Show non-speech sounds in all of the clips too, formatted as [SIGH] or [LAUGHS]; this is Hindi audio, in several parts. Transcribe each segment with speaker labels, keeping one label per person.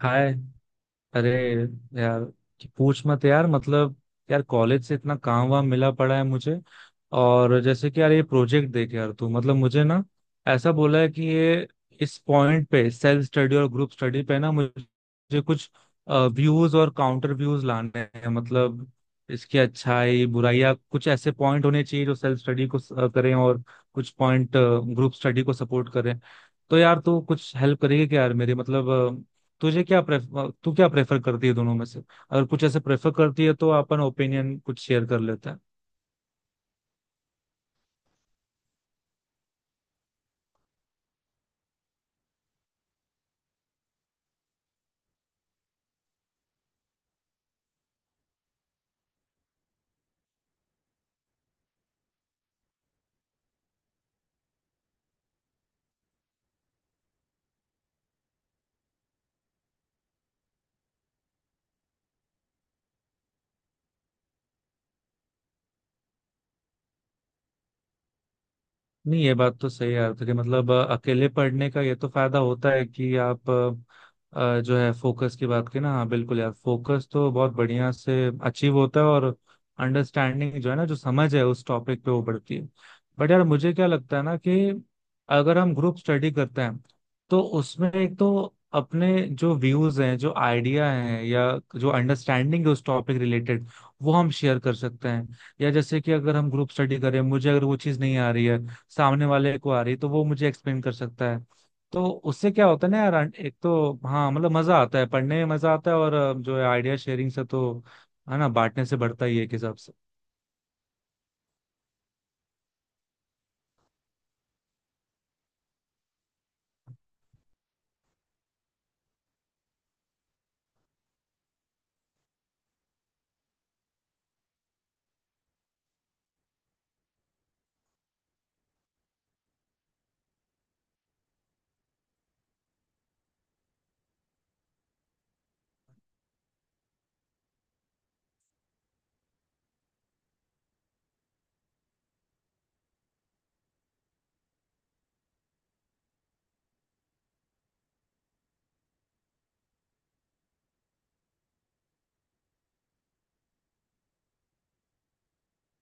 Speaker 1: हाय। अरे यार, कि पूछ मत यार। मतलब यार, कॉलेज से इतना काम वाम मिला पड़ा है मुझे। और जैसे कि यार ये प्रोजेक्ट देख। यार तू, मतलब मुझे ना ऐसा बोला है कि ये इस पॉइंट पे सेल्फ स्टडी और ग्रुप स्टडी पे ना मुझे कुछ व्यूज और काउंटर व्यूज लाने हैं। मतलब इसकी अच्छाई बुराई या कुछ ऐसे पॉइंट होने चाहिए जो सेल्फ स्टडी को करें और कुछ पॉइंट ग्रुप स्टडी को सपोर्ट करें। तो यार तू कुछ हेल्प करेगी क्या यार मेरी? मतलब तुझे क्या प्रेफर, तू क्या प्रेफर करती है दोनों में से? अगर कुछ ऐसे प्रेफर करती है तो अपन ओपिनियन कुछ शेयर कर लेते हैं। नहीं ये बात तो सही है आपकी। मतलब अकेले पढ़ने का ये तो फायदा होता है कि आप जो है फोकस की बात की ना, हाँ बिल्कुल यार फोकस तो बहुत बढ़िया से अचीव होता है और अंडरस्टैंडिंग जो है ना, जो समझ है उस टॉपिक पे वो बढ़ती है। बट यार मुझे क्या लगता है ना कि अगर हम ग्रुप स्टडी करते हैं तो उसमें एक तो अपने जो व्यूज हैं, जो आइडिया हैं, या जो अंडरस्टैंडिंग है उस टॉपिक रिलेटेड, वो हम शेयर कर सकते हैं। या जैसे कि अगर हम ग्रुप स्टडी करें, मुझे अगर वो चीज़ नहीं आ रही है, सामने वाले को आ रही है, तो वो मुझे एक्सप्लेन कर सकता है। तो उससे क्या होता है ना यार, एक तो हाँ मतलब मजा आता है, पढ़ने में मजा आता है, और जो है आइडिया शेयरिंग से तो है ना, बांटने से बढ़ता ही है एक हिसाब से।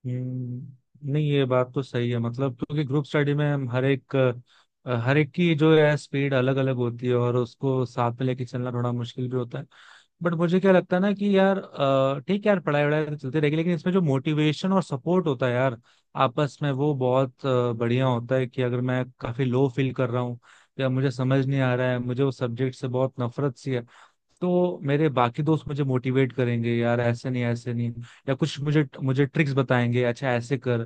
Speaker 1: नहीं ये बात तो सही है। मतलब क्योंकि ग्रुप स्टडी में हम हर एक, हर एक की जो है स्पीड अलग अलग होती है और उसको साथ में लेके चलना थोड़ा मुश्किल भी होता है। बट मुझे क्या लगता है ना कि यार ठीक है यार, पढ़ाई वढ़ाई तो चलती रहेगी, लेकिन इसमें जो मोटिवेशन और सपोर्ट होता है यार आपस में, वो बहुत बढ़िया होता है। कि अगर मैं काफी लो फील कर रहा हूँ या मुझे समझ नहीं आ रहा है, मुझे वो सब्जेक्ट से बहुत नफरत सी है, तो मेरे बाकी दोस्त मुझे मोटिवेट करेंगे यार, ऐसे नहीं ऐसे नहीं, या कुछ मुझे मुझे ट्रिक्स बताएंगे, अच्छा ऐसे कर।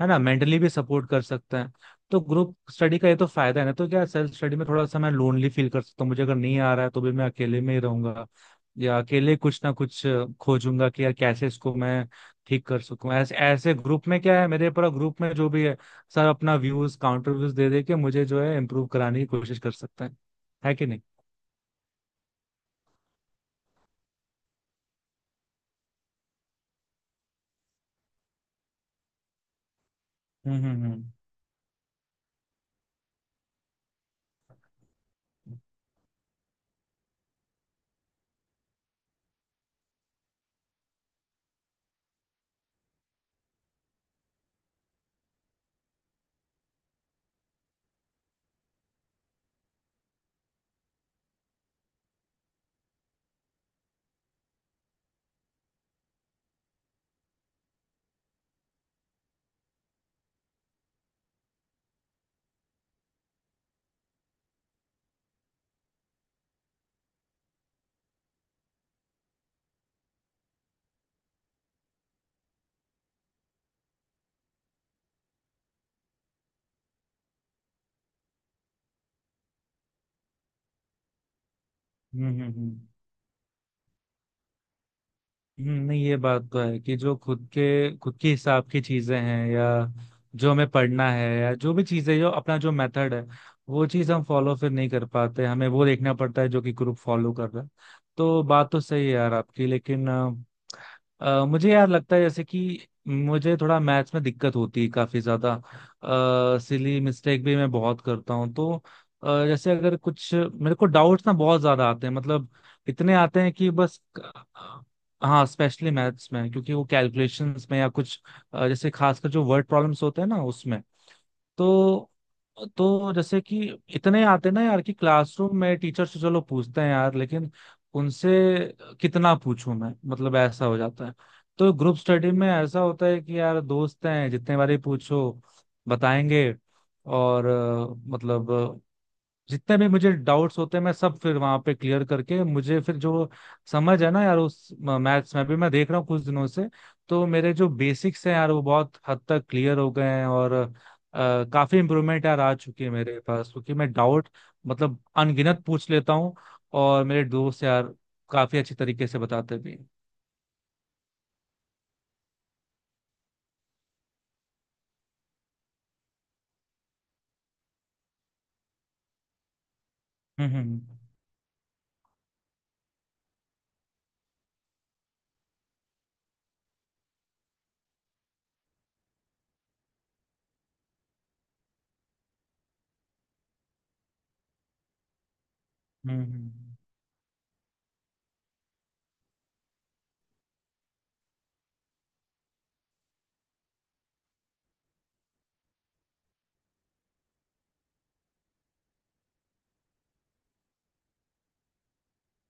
Speaker 1: है ना, मेंटली भी सपोर्ट कर सकते हैं। तो ग्रुप स्टडी का ये तो फायदा है ना। तो क्या सेल्फ स्टडी में थोड़ा सा मैं लोनली फील कर सकता हूँ, मुझे अगर नहीं आ रहा है तो भी मैं अकेले में ही रहूंगा या अकेले कुछ ना कुछ खोजूंगा कि यार कैसे इसको मैं ठीक कर सकूं। ऐसे ऐसे ग्रुप में क्या है, मेरे पूरा ग्रुप में जो भी है सर अपना व्यूज काउंटर व्यूज दे दे के मुझे जो है इम्प्रूव कराने की कोशिश कर सकते हैं। है कि नहीं? हम्म। हम्म। नहीं ये बात तो है कि जो खुद के, खुद के हिसाब की चीजें हैं या जो हमें पढ़ना है या जो भी चीजें, जो अपना जो मेथड है, वो चीज हम फॉलो फिर नहीं कर पाते। हमें वो देखना पड़ता है जो कि ग्रुप फॉलो कर रहा है। तो बात तो सही है यार आपकी, लेकिन मुझे यार लगता है, जैसे कि मुझे थोड़ा मैथ्स में दिक्कत होती है काफी ज्यादा, सिली मिस्टेक भी मैं बहुत करता हूँ। तो जैसे अगर कुछ मेरे को डाउट्स ना बहुत ज्यादा आते हैं, मतलब इतने आते हैं कि बस हाँ स्पेशली मैथ्स में, क्योंकि वो कैलकुलेशंस में या कुछ जैसे खासकर जो वर्ड प्रॉब्लम्स होते हैं ना उसमें। तो तो जैसे कि इतने आते ना यार कि क्लासरूम में टीचर से चलो पूछते हैं यार, लेकिन उनसे कितना पूछूं मैं, मतलब ऐसा हो जाता है। तो ग्रुप स्टडी में ऐसा होता है कि यार दोस्त हैं, जितने बारे पूछो बताएंगे, और मतलब जितने भी मुझे डाउट्स होते हैं मैं सब फिर वहां पे क्लियर करके मुझे फिर जो समझ है ना यार उस मैथ्स में भी, मैं देख रहा हूँ कुछ दिनों से तो मेरे जो बेसिक्स हैं यार वो बहुत हद तक क्लियर हो गए हैं। और काफी इम्प्रूवमेंट यार आ चुकी है मेरे पास, क्योंकि मैं डाउट मतलब अनगिनत पूछ लेता हूँ और मेरे दोस्त यार काफी अच्छी तरीके से बताते भी हैं। हम्म हम्म हम्म।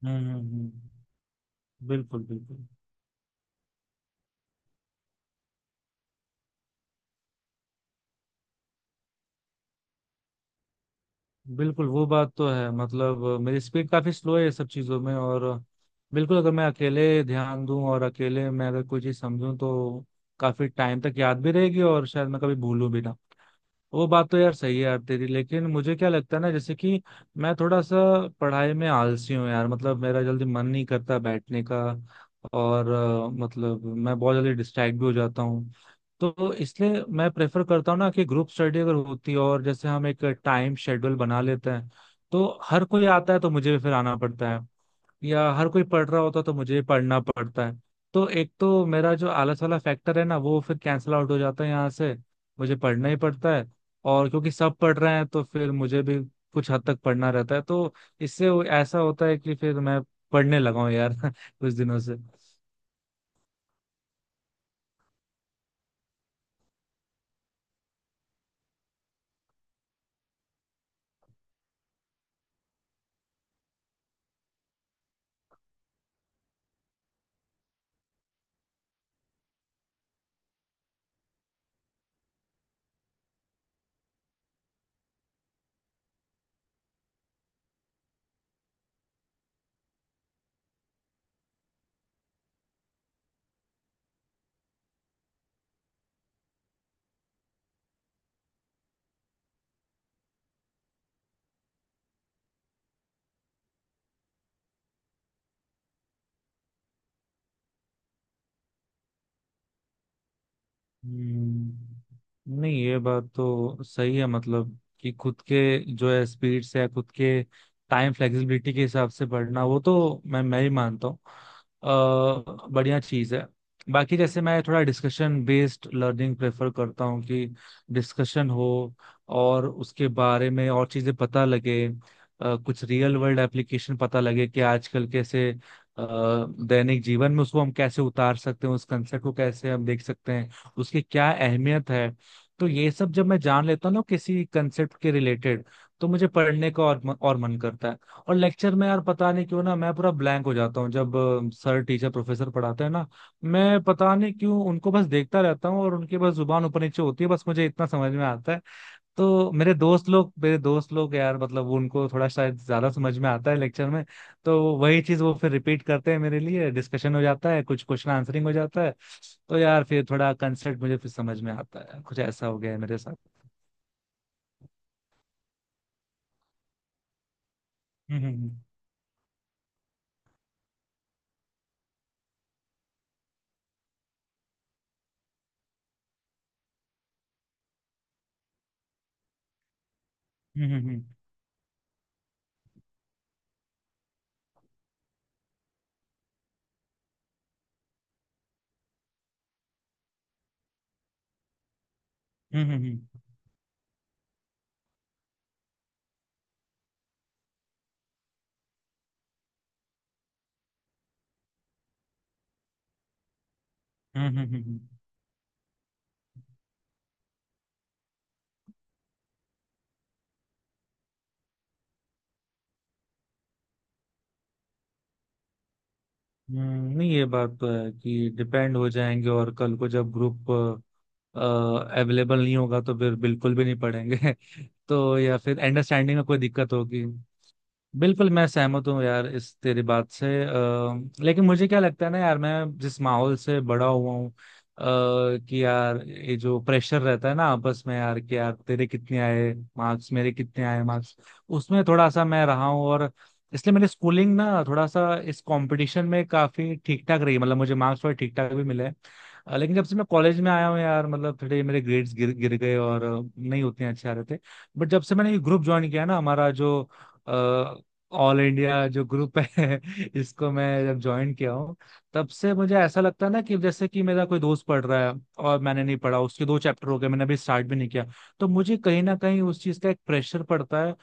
Speaker 1: हम्म। बिल्कुल बिल्कुल। बिल्कुल वो बात तो है। मतलब मेरी स्पीड काफी स्लो है ये सब चीजों में, और बिल्कुल अगर मैं अकेले ध्यान दूं और अकेले मैं अगर कोई चीज समझूं तो काफी टाइम तक याद भी रहेगी और शायद मैं कभी भूलूं भी ना। वो बात तो यार सही है यार तेरी, लेकिन मुझे क्या लगता है ना जैसे कि मैं थोड़ा सा पढ़ाई में आलसी हूँ यार। मतलब मेरा जल्दी मन नहीं करता बैठने का, और मतलब मैं बहुत जल्दी डिस्ट्रैक्ट भी हो जाता हूँ। तो इसलिए मैं प्रेफर करता हूँ ना कि ग्रुप स्टडी अगर होती है, और जैसे हम एक टाइम शेड्यूल बना लेते हैं, तो हर कोई आता है तो मुझे भी फिर आना पड़ता है, या हर कोई पढ़ रहा होता तो मुझे भी पढ़ना पड़ता है। तो एक तो मेरा जो आलस वाला फैक्टर है ना, वो फिर कैंसिल आउट हो जाता है यहाँ से। मुझे पढ़ना ही पड़ता है, और क्योंकि सब पढ़ रहे हैं तो फिर मुझे भी कुछ हद तक पढ़ना रहता है। तो इससे ऐसा होता है कि फिर मैं पढ़ने लगा हूँ यार [LAUGHS] कुछ दिनों से। नहीं ये बात तो सही है। मतलब कि खुद के जो है स्पीड से या खुद के टाइम फ्लेक्सिबिलिटी के हिसाब से बढ़ना वो तो मैं ही मानता हूँ बढ़िया चीज़ है। बाकी जैसे मैं थोड़ा डिस्कशन बेस्ड लर्निंग प्रेफर करता हूँ कि डिस्कशन हो और उसके बारे में और चीज़ें पता लगे, कुछ रियल वर्ल्ड एप्लीकेशन पता लगे कि आजकल कैसे दैनिक जीवन में उसको हम कैसे उतार सकते हैं, उस कंसेप्ट को कैसे हम देख सकते हैं, उसकी क्या अहमियत है। तो ये सब जब मैं जान लेता हूँ ना किसी कंसेप्ट के रिलेटेड, तो मुझे पढ़ने का और मन करता है। और लेक्चर में यार पता नहीं क्यों ना मैं पूरा ब्लैंक हो जाता हूँ, जब सर टीचर प्रोफेसर पढ़ाते हैं ना, मैं पता नहीं क्यों उनको बस देखता रहता हूँ और उनकी बस जुबान ऊपर नीचे होती है, बस मुझे इतना समझ में आता है। तो मेरे दोस्त लोग यार मतलब वो, उनको थोड़ा शायद ज्यादा समझ में आता है लेक्चर में, तो वही चीज वो फिर रिपीट करते हैं मेरे लिए, डिस्कशन हो जाता है, कुछ क्वेश्चन आंसरिंग हो जाता है। तो यार फिर थोड़ा कंसेप्ट मुझे फिर समझ में आता है, कुछ ऐसा हो गया है मेरे साथ। हम्म हम्म। हम्म। हम्म। नहीं ये बात तो है कि डिपेंड हो जाएंगे और कल को जब ग्रुप अवेलेबल नहीं होगा तो फिर बिल्कुल भी नहीं पढ़ेंगे। [LAUGHS] तो या फिर अंडरस्टैंडिंग में कोई दिक्कत होगी। बिल्कुल मैं सहमत हूँ यार इस तेरी बात से। लेकिन मुझे क्या लगता है ना यार, मैं जिस माहौल से बड़ा हुआ हूँ, कि यार ये जो प्रेशर रहता है ना आपस में यार, कि यार तेरे कितने आए मार्क्स, मेरे कितने आए मार्क्स, उसमें थोड़ा सा मैं रहा हूँ। और इसलिए मेरी स्कूलिंग ना थोड़ा सा इस कंपटीशन में काफी ठीक ठाक रही। मतलब मुझे मार्क्स थोड़े ठीक ठाक भी मिले हैं। लेकिन जब से मैं कॉलेज में आया हूँ यार, मतलब थोड़े मेरे ग्रेड्स गिर गिर गए और नहीं उतने अच्छे आ रहे थे। बट जब से मैंने ये ग्रुप ज्वाइन किया ना, हमारा जो ऑल इंडिया जो ग्रुप है [LAUGHS] इसको मैं जब ज्वाइन किया हूँ, तब से मुझे ऐसा लगता है ना कि जैसे कि मेरा कोई दोस्त पढ़ रहा है और मैंने नहीं पढ़ा, उसके दो चैप्टर हो गए मैंने अभी स्टार्ट भी नहीं किया, तो मुझे कहीं ना कहीं उस चीज़ का एक प्रेशर पड़ता है।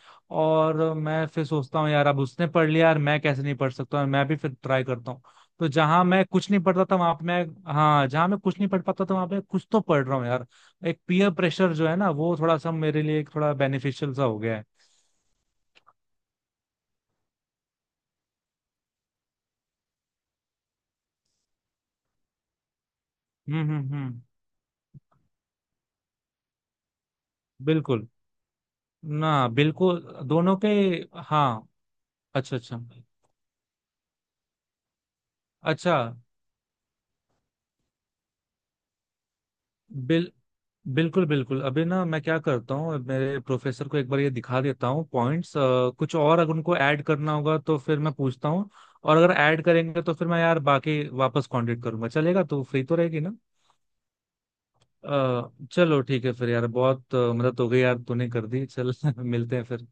Speaker 1: और मैं फिर सोचता हूँ यार अब उसने पढ़ लिया यार, मैं कैसे नहीं पढ़ सकता, और मैं भी फिर ट्राई करता हूँ। तो जहां मैं कुछ नहीं पढ़ता था वहां पे मैं, हाँ जहां मैं कुछ नहीं पढ़ पाता था वहां पे कुछ तो पढ़ रहा हूँ यार। एक पीयर प्रेशर जो है ना वो थोड़ा सा मेरे लिए एक थोड़ा बेनिफिशियल सा हो गया है। हम्म। बिल्कुल। ना बिल्कुल। दोनों पे। हाँ। अच्छा अच्छा। अच्छा बिल बिल्कुल बिल्कुल। अभी ना मैं क्या करता हूँ, मेरे प्रोफेसर को एक बार ये दिखा देता हूँ पॉइंट्स, कुछ और अगर उनको ऐड करना होगा तो फिर मैं पूछता हूँ। और अगर ऐड करेंगे तो फिर मैं यार बाकी वापस कांटेक्ट करूंगा, चलेगा? तो फ्री तो रहेगी ना? चलो ठीक है फिर यार, बहुत मदद हो गई यार तूने कर दी। चल [LAUGHS] मिलते हैं फिर।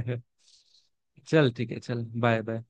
Speaker 1: [LAUGHS] चल ठीक है, चल बाय बाय।